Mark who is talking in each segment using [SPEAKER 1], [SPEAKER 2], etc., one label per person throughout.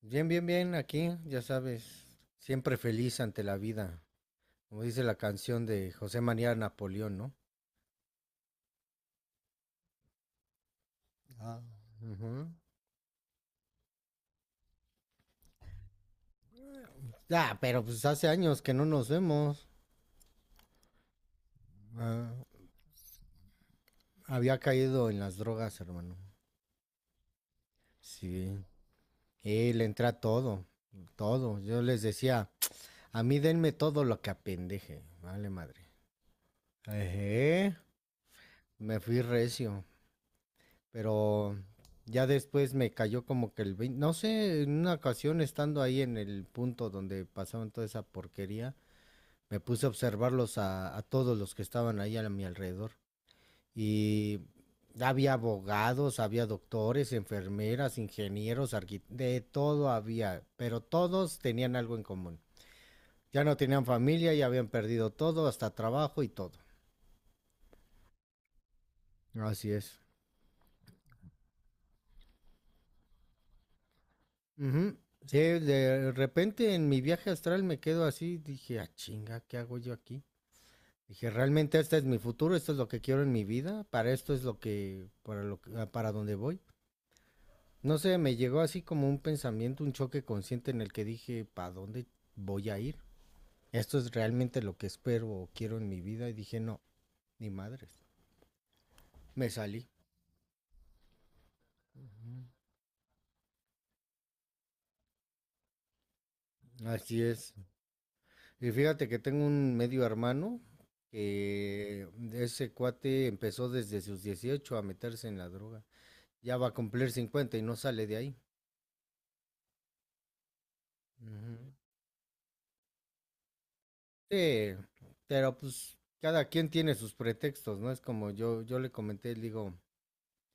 [SPEAKER 1] Bien, bien, bien, aquí, ya sabes, siempre feliz ante la vida, como dice la canción de José María Napoleón, ¿no? Ah. Ujú. Ya, pero pues hace años que no nos vemos. Ah, había caído en las drogas, hermano. Sí. Y le entra todo, todo. Yo les decía, a mí denme todo lo que apendeje, vale madre. Ejé, me fui recio. Pero ya después me cayó como que el 20, no sé, en una ocasión estando ahí en el punto donde pasaban toda esa porquería, me puse a observarlos a todos los que estaban ahí a mi alrededor. Y había abogados, había doctores, enfermeras, ingenieros, arqui- de todo había, pero todos tenían algo en común. Ya no tenían familia, ya habían perdido todo, hasta trabajo y todo. Así es. Ujú. Sí, de repente en mi viaje astral me quedo así, dije, ah, chinga, ¿qué hago yo aquí? Dije, realmente este es mi futuro, esto es lo que quiero en mi vida, para esto es lo que, para lo que- ah, para donde voy. No sé, me llegó así como un pensamiento, un choque consciente en el que dije, ¿para dónde voy a ir? Esto es realmente lo que espero o quiero en mi vida. Y dije, no, ni madres. Me salí. Así es. Y fíjate que tengo un medio hermano que ese cuate empezó desde sus 18 a meterse en la droga. Ya va a cumplir 50 y no sale de ahí. Ujú. Sí, pero pues cada quien tiene sus pretextos, ¿no? Es como yo le comenté, le digo,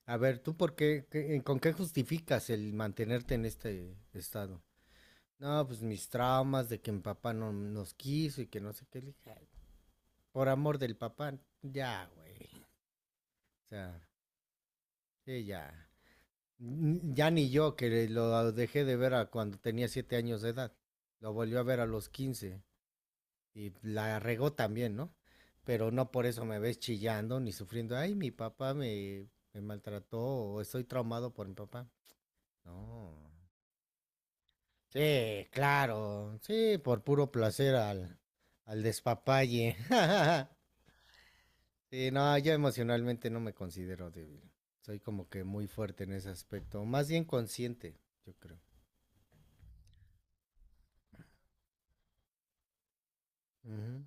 [SPEAKER 1] a ver, ¿tú por qué, qué- con qué justificas el mantenerte en este estado? No, pues mis traumas de que mi papá no nos quiso y que no sé qué. Le dije, "Ay, por amor del papá, ya, güey. O sea, sí, ya. N- Ya ni yo, que lo dejé de ver a cuando tenía 7 años de edad. Lo volvió a ver a los 15 y la regó también, ¿no? Pero no por eso me ves chillando ni sufriendo. Ay, mi papá me, me maltrató o estoy traumado por mi papá. No. Sí, claro. Sí, por puro placer al, al despapalle. Sí, no, yo emocionalmente no me considero débil. Soy como que muy fuerte en ese aspecto. Más bien consciente, yo creo. Ujú.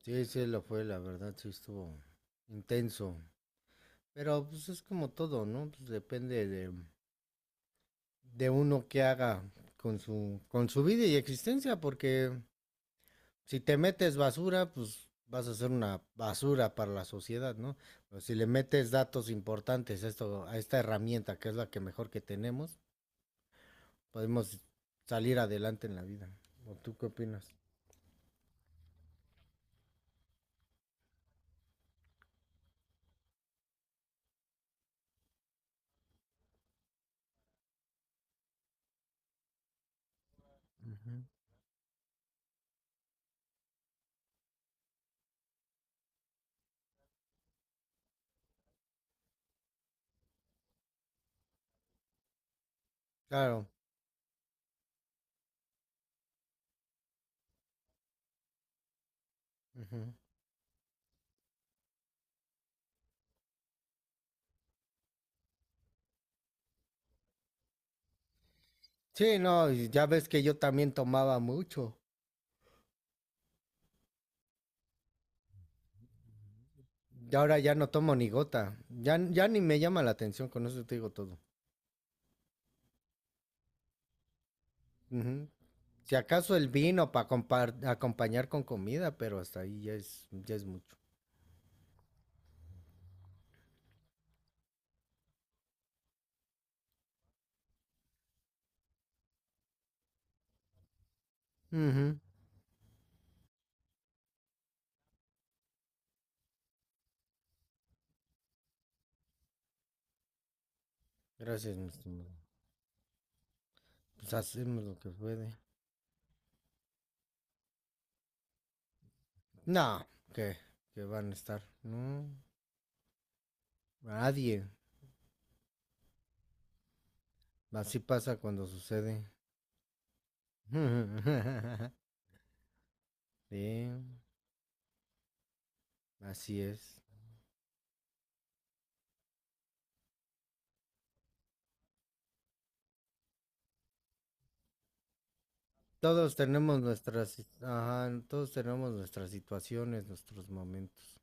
[SPEAKER 1] Sí, sí, lo fue, la verdad, sí estuvo intenso. Pero pues es como todo, ¿no? Pues depende de uno qué haga con su vida y existencia, porque si te metes basura, pues vas a ser una basura para la sociedad, ¿no? Pero si le metes datos importantes a, esto, a esta herramienta, que es la que mejor que tenemos, podemos salir adelante en la vida. ¿O tú qué opinas? Ujú. Claro. Ujú. Sí, no, y ya ves que yo también tomaba mucho. Ya ahora ya no tomo ni gota. Ya, ya ni me llama la atención, con eso te digo todo. Ujú. Si acaso el vino para acompañar con comida, pero hasta ahí ya es mucho. Ujú. Gracias, mi estimado. Pues hacemos lo que puede. No, que, que van a estar. No, nadie. Así pasa cuando sucede. Sí, así es. Todos tenemos nuestras, ajá, todos tenemos nuestras situaciones, nuestros momentos.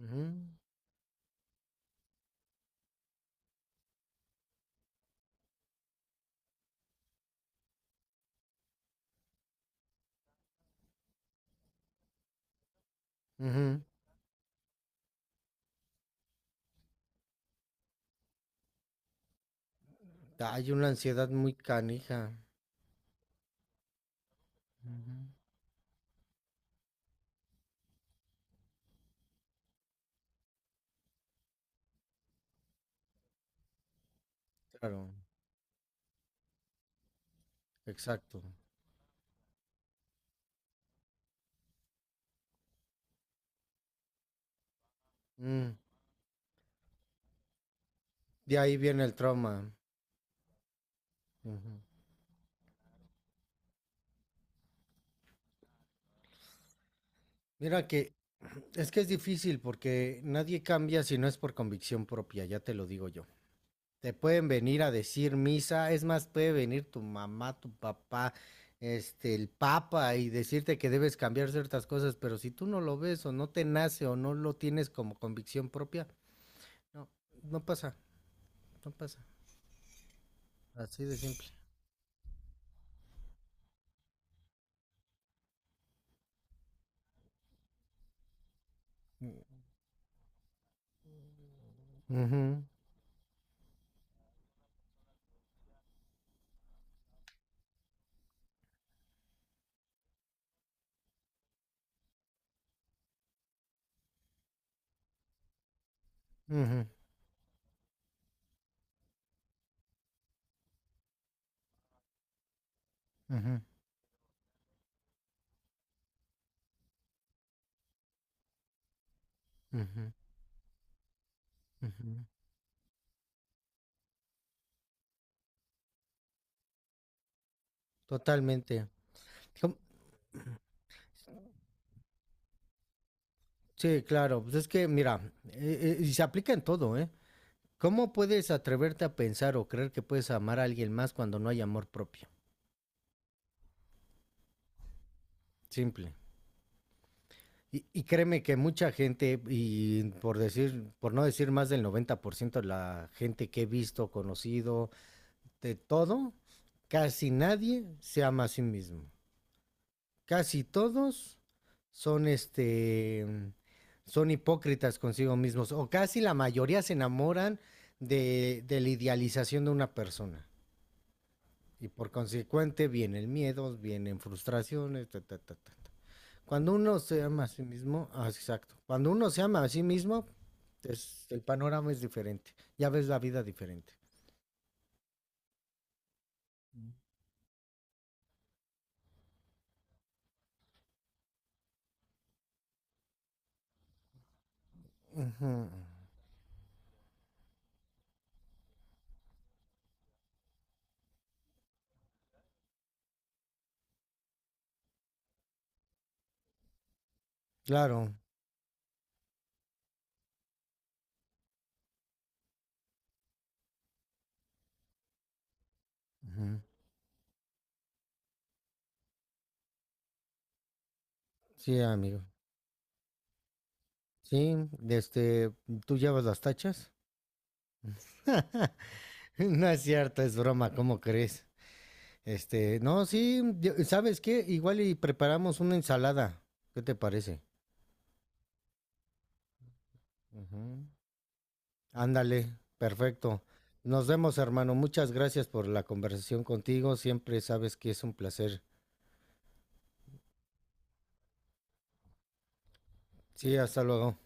[SPEAKER 1] Ujú. Ujú. Hay una ansiedad muy canija. Ujú. Claro, exacto. Mm, de ahí viene el trauma. Ujú. Mira que es difícil porque nadie cambia si no es por convicción propia, ya te lo digo yo. Te pueden venir a decir misa, es más, puede venir tu mamá, tu papá, este, el papa y decirte que debes cambiar ciertas cosas, pero si tú no lo ves o no te nace o no lo tienes como convicción propia, no, no pasa, no pasa. Así de simple. Ujú, ujú, ujú, ujú, ujú. Totalmente. Com- Sí, claro. Pues es que, mira, y se aplica en todo, ¿eh? ¿Cómo puedes atreverte a pensar o creer que puedes amar a alguien más cuando no hay amor propio? Simple. Y créeme que mucha gente, y por decir, por no decir más del 90% de la gente que he visto, conocido, de todo, casi nadie se ama a sí mismo. Casi todos son este son hipócritas consigo mismos o casi la mayoría se enamoran de la idealización de una persona y por consecuente vienen miedos, vienen frustraciones, ta, ta, ta, ta, ta. Cuando uno se ama a sí mismo, ah, exacto, cuando uno se ama a sí mismo, es, el panorama es diferente, ya ves la vida diferente. Ujú, claro, ujú. Sí, amigo. Sí, este, ¿tú llevas las tachas? No es cierto, es broma, ¿cómo crees? No, sí, yo- ¿sabes qué? Igual y preparamos una ensalada. ¿Qué te parece? Ujú. Ándale, perfecto. Nos vemos, hermano. Muchas gracias por la conversación contigo. Siempre sabes que es un placer. Sí, hasta luego.